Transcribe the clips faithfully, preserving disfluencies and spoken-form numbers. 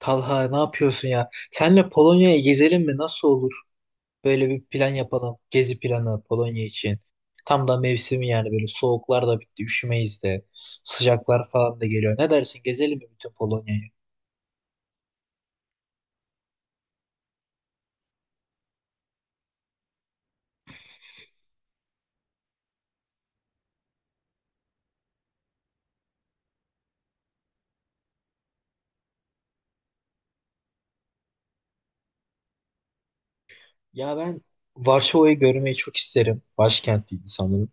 Talha ne yapıyorsun ya? Senle Polonya'ya gezelim mi? Nasıl olur? Böyle bir plan yapalım. Gezi planı Polonya için. Tam da mevsimi yani böyle soğuklar da bitti, üşümeyiz de. Sıcaklar falan da geliyor. Ne dersin? Gezelim mi bütün Polonya'yı? Ya ben Varşova'yı görmeyi çok isterim. Başkentiydi sanırım.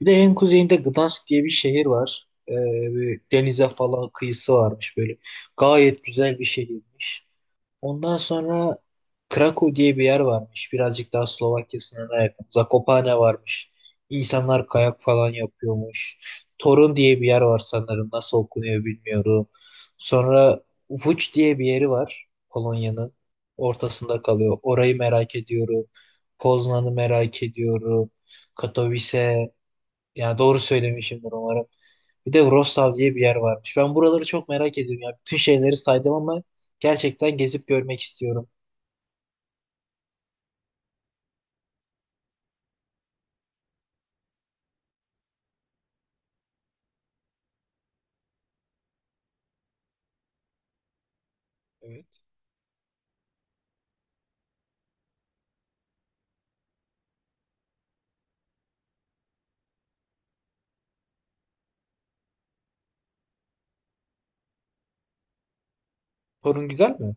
Bir de en kuzeyinde Gdansk diye bir şehir var. Ee, bir denize falan kıyısı varmış böyle. Gayet güzel bir şehirmiş. Ondan sonra Krakow diye bir yer varmış. Birazcık daha Slovakya sınırına yakın. Zakopane varmış. İnsanlar kayak falan yapıyormuş. Torun diye bir yer var sanırım. Nasıl okunuyor bilmiyorum. Sonra Łódź diye bir yeri var. Polonya'nın ortasında kalıyor. Orayı merak ediyorum. Poznan'ı merak ediyorum. Katowice. Yani doğru söylemişimdir umarım. Bir de Wrocław diye bir yer varmış. Ben buraları çok merak ediyorum ya. Bütün şeyleri saydım ama gerçekten gezip görmek istiyorum. Evet. Torun güzel mi?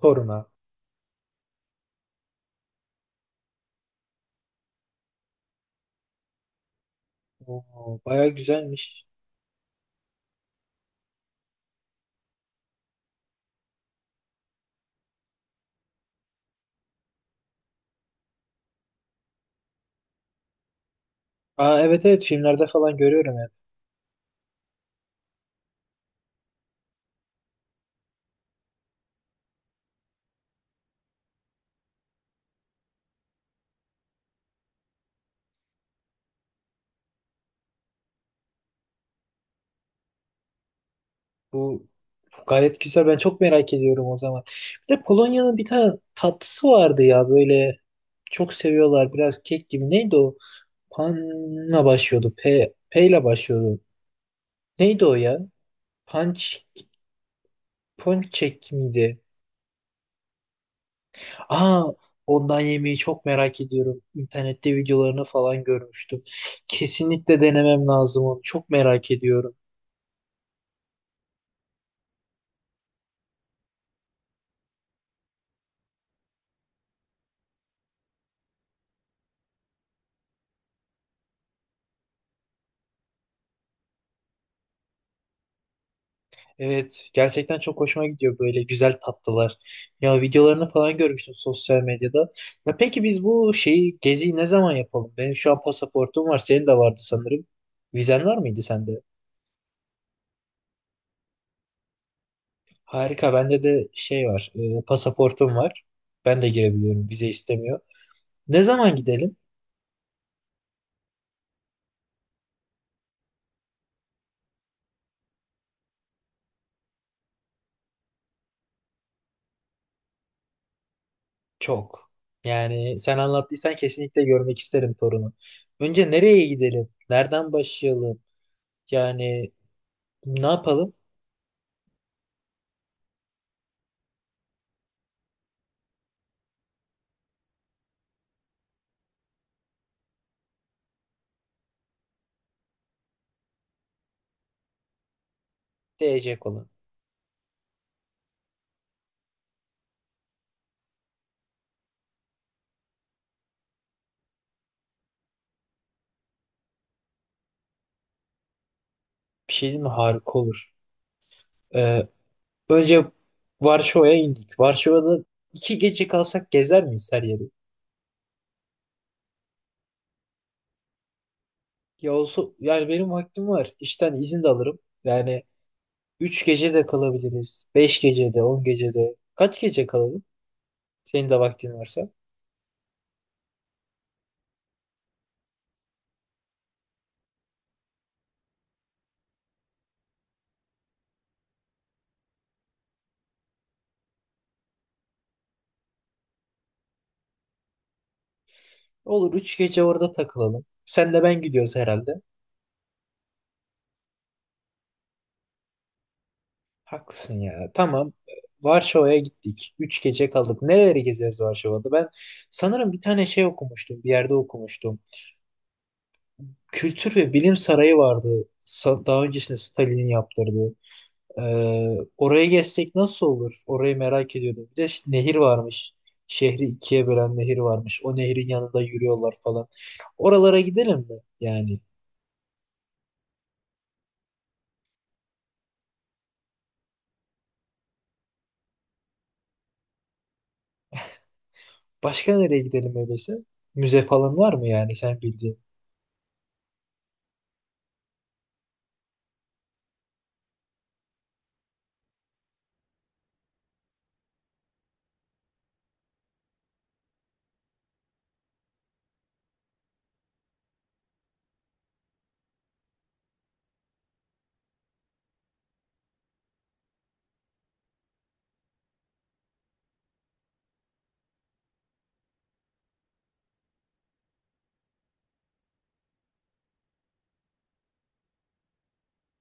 Torun'a. Oo, bayağı güzelmiş. Aa, evet evet filmlerde falan görüyorum hep. Bu gayet güzel. Ben çok merak ediyorum o zaman. Bir de Polonya'nın bir tane tatlısı vardı ya böyle çok seviyorlar. Biraz kek gibi. Neydi o? Pan'la başlıyordu. P, P ile başlıyordu. Neydi o ya? Punch. Ponçek miydi? Aa, ondan yemeği çok merak ediyorum. İnternette videolarını falan görmüştüm. Kesinlikle denemem lazım onu. Çok merak ediyorum. Evet, gerçekten çok hoşuma gidiyor böyle güzel tatlılar. Ya videolarını falan görmüştüm sosyal medyada. Ya peki biz bu şeyi geziyi ne zaman yapalım? Benim şu an pasaportum var, senin de vardı sanırım. Vizen var mıydı sende? Harika, bende de şey var, e, pasaportum var. Ben de girebiliyorum, vize istemiyor. Ne zaman gidelim? Çok. Yani sen anlattıysan kesinlikle görmek isterim torunu. Önce nereye gidelim? Nereden başlayalım? Yani ne yapalım? Diyecek olan. Bir şey değil mi? Harika olur. Ee, önce Varşova'ya indik. Varşova'da iki gece kalsak gezer miyiz her yeri? Ya olsa yani benim vaktim var. İşten izin de alırım. Yani üç gece de kalabiliriz. Beş gece de, on gece de. Kaç gece kalalım? Senin de vaktin varsa. Olur üç gece orada takılalım. Sen de ben gidiyoruz herhalde. Haklısın ya. Tamam. Varşova'ya gittik. Üç gece kaldık. Neleri gezeriz Varşova'da? Ben sanırım bir tane şey okumuştum. Bir yerde okumuştum. Kültür ve Bilim Sarayı vardı. Sa- Daha öncesinde Stalin'in yaptırdığı. Ee, orayı gezsek nasıl olur? Orayı merak ediyordum. Bir de ş- nehir varmış. Şehri ikiye bölen nehir varmış. O nehrin yanında yürüyorlar falan. Oralara gidelim mi? Yani. Başka nereye gidelim öyleyse? Müze falan var mı yani sen bildiğin?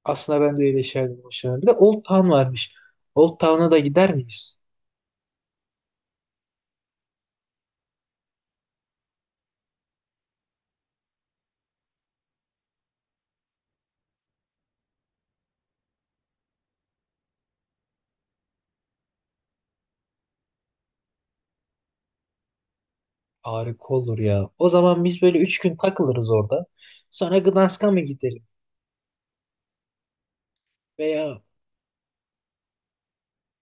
Aslında ben de öyle şeyler hoşlanırım. Bir de Old Town varmış. Old Town'a da gider miyiz? Harika olur ya. O zaman biz böyle üç gün takılırız orada. Sonra Gdansk'a mı gidelim? Veya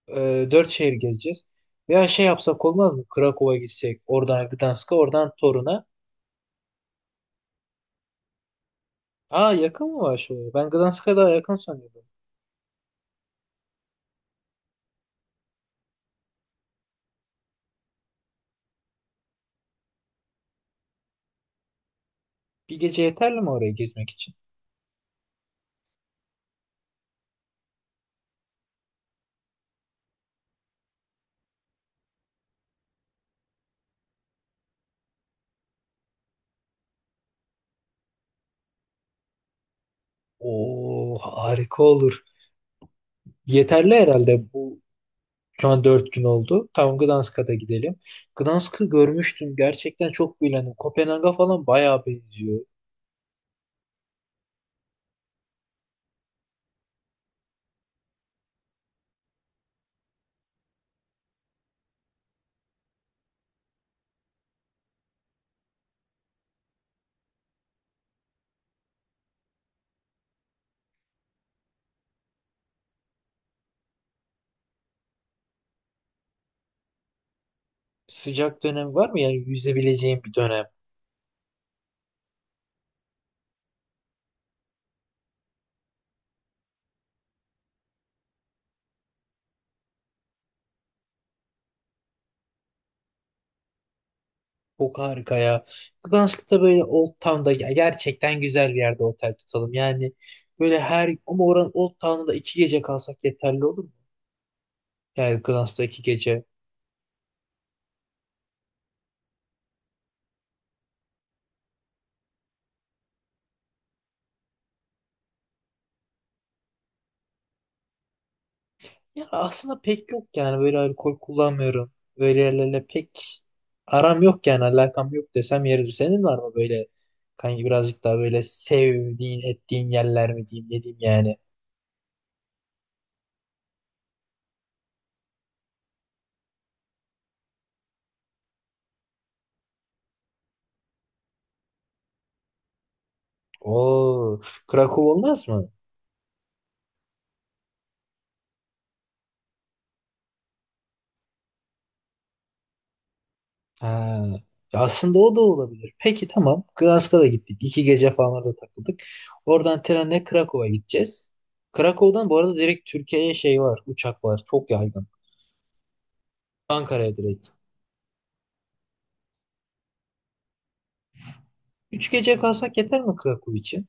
e, dört şehir gezeceğiz. Veya şey yapsak olmaz mı? Krakow'a gitsek. Oradan Gdansk'a, oradan Torun'a. Aa yakın mı var şu? Ben Gdansk'a daha yakın sanıyordum. Bir gece yeterli mi oraya gezmek için? Oo harika olur. Yeterli herhalde. Bu Şu an dört gün oldu. Tamam Gdansk'a da gidelim. Gdansk'ı görmüştüm. Gerçekten çok beğendim. Kopenhag'a falan bayağı benziyor. Sıcak dönem var mı? Yani yüzebileceğim bir dönem. Çok harika ya. Gdansk'ta böyle Old Town'da ya gerçekten güzel bir yerde otel tutalım. Yani böyle her ama oranın Old Town'da iki gece kalsak yeterli olur mu? Yani Gdansk'ta iki gece. Ya aslında pek yok yani böyle alkol kullanmıyorum. Böyle yerlerle pek aram yok yani alakam yok desem yeridir. Senin var mı böyle kanki birazcık daha böyle sevdiğin ettiğin yerler mi diyeyim ne diyeyim yani. Oo, Krakow olmaz mı? Ha. Ya aslında o da olabilir. Peki tamam. Glasgow'a da gittik. İki gece falan orada takıldık. Oradan trenle Krakow'a gideceğiz. Krakow'dan bu arada direkt Türkiye'ye şey var. Uçak var. Çok yaygın. Ankara'ya direkt. Üç gece kalsak yeter mi Krakow için?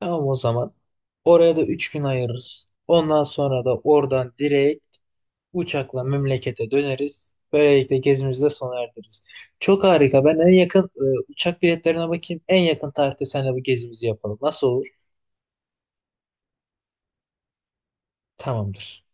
Tamam o zaman. Oraya da üç gün ayırırız. Ondan sonra da oradan direkt uçakla memlekete döneriz. Böylelikle gezimizi de sona erdiririz. Çok harika. Ben en yakın e, uçak biletlerine bakayım. En yakın tarihte seninle bu gezimizi yapalım. Nasıl olur? Tamamdır.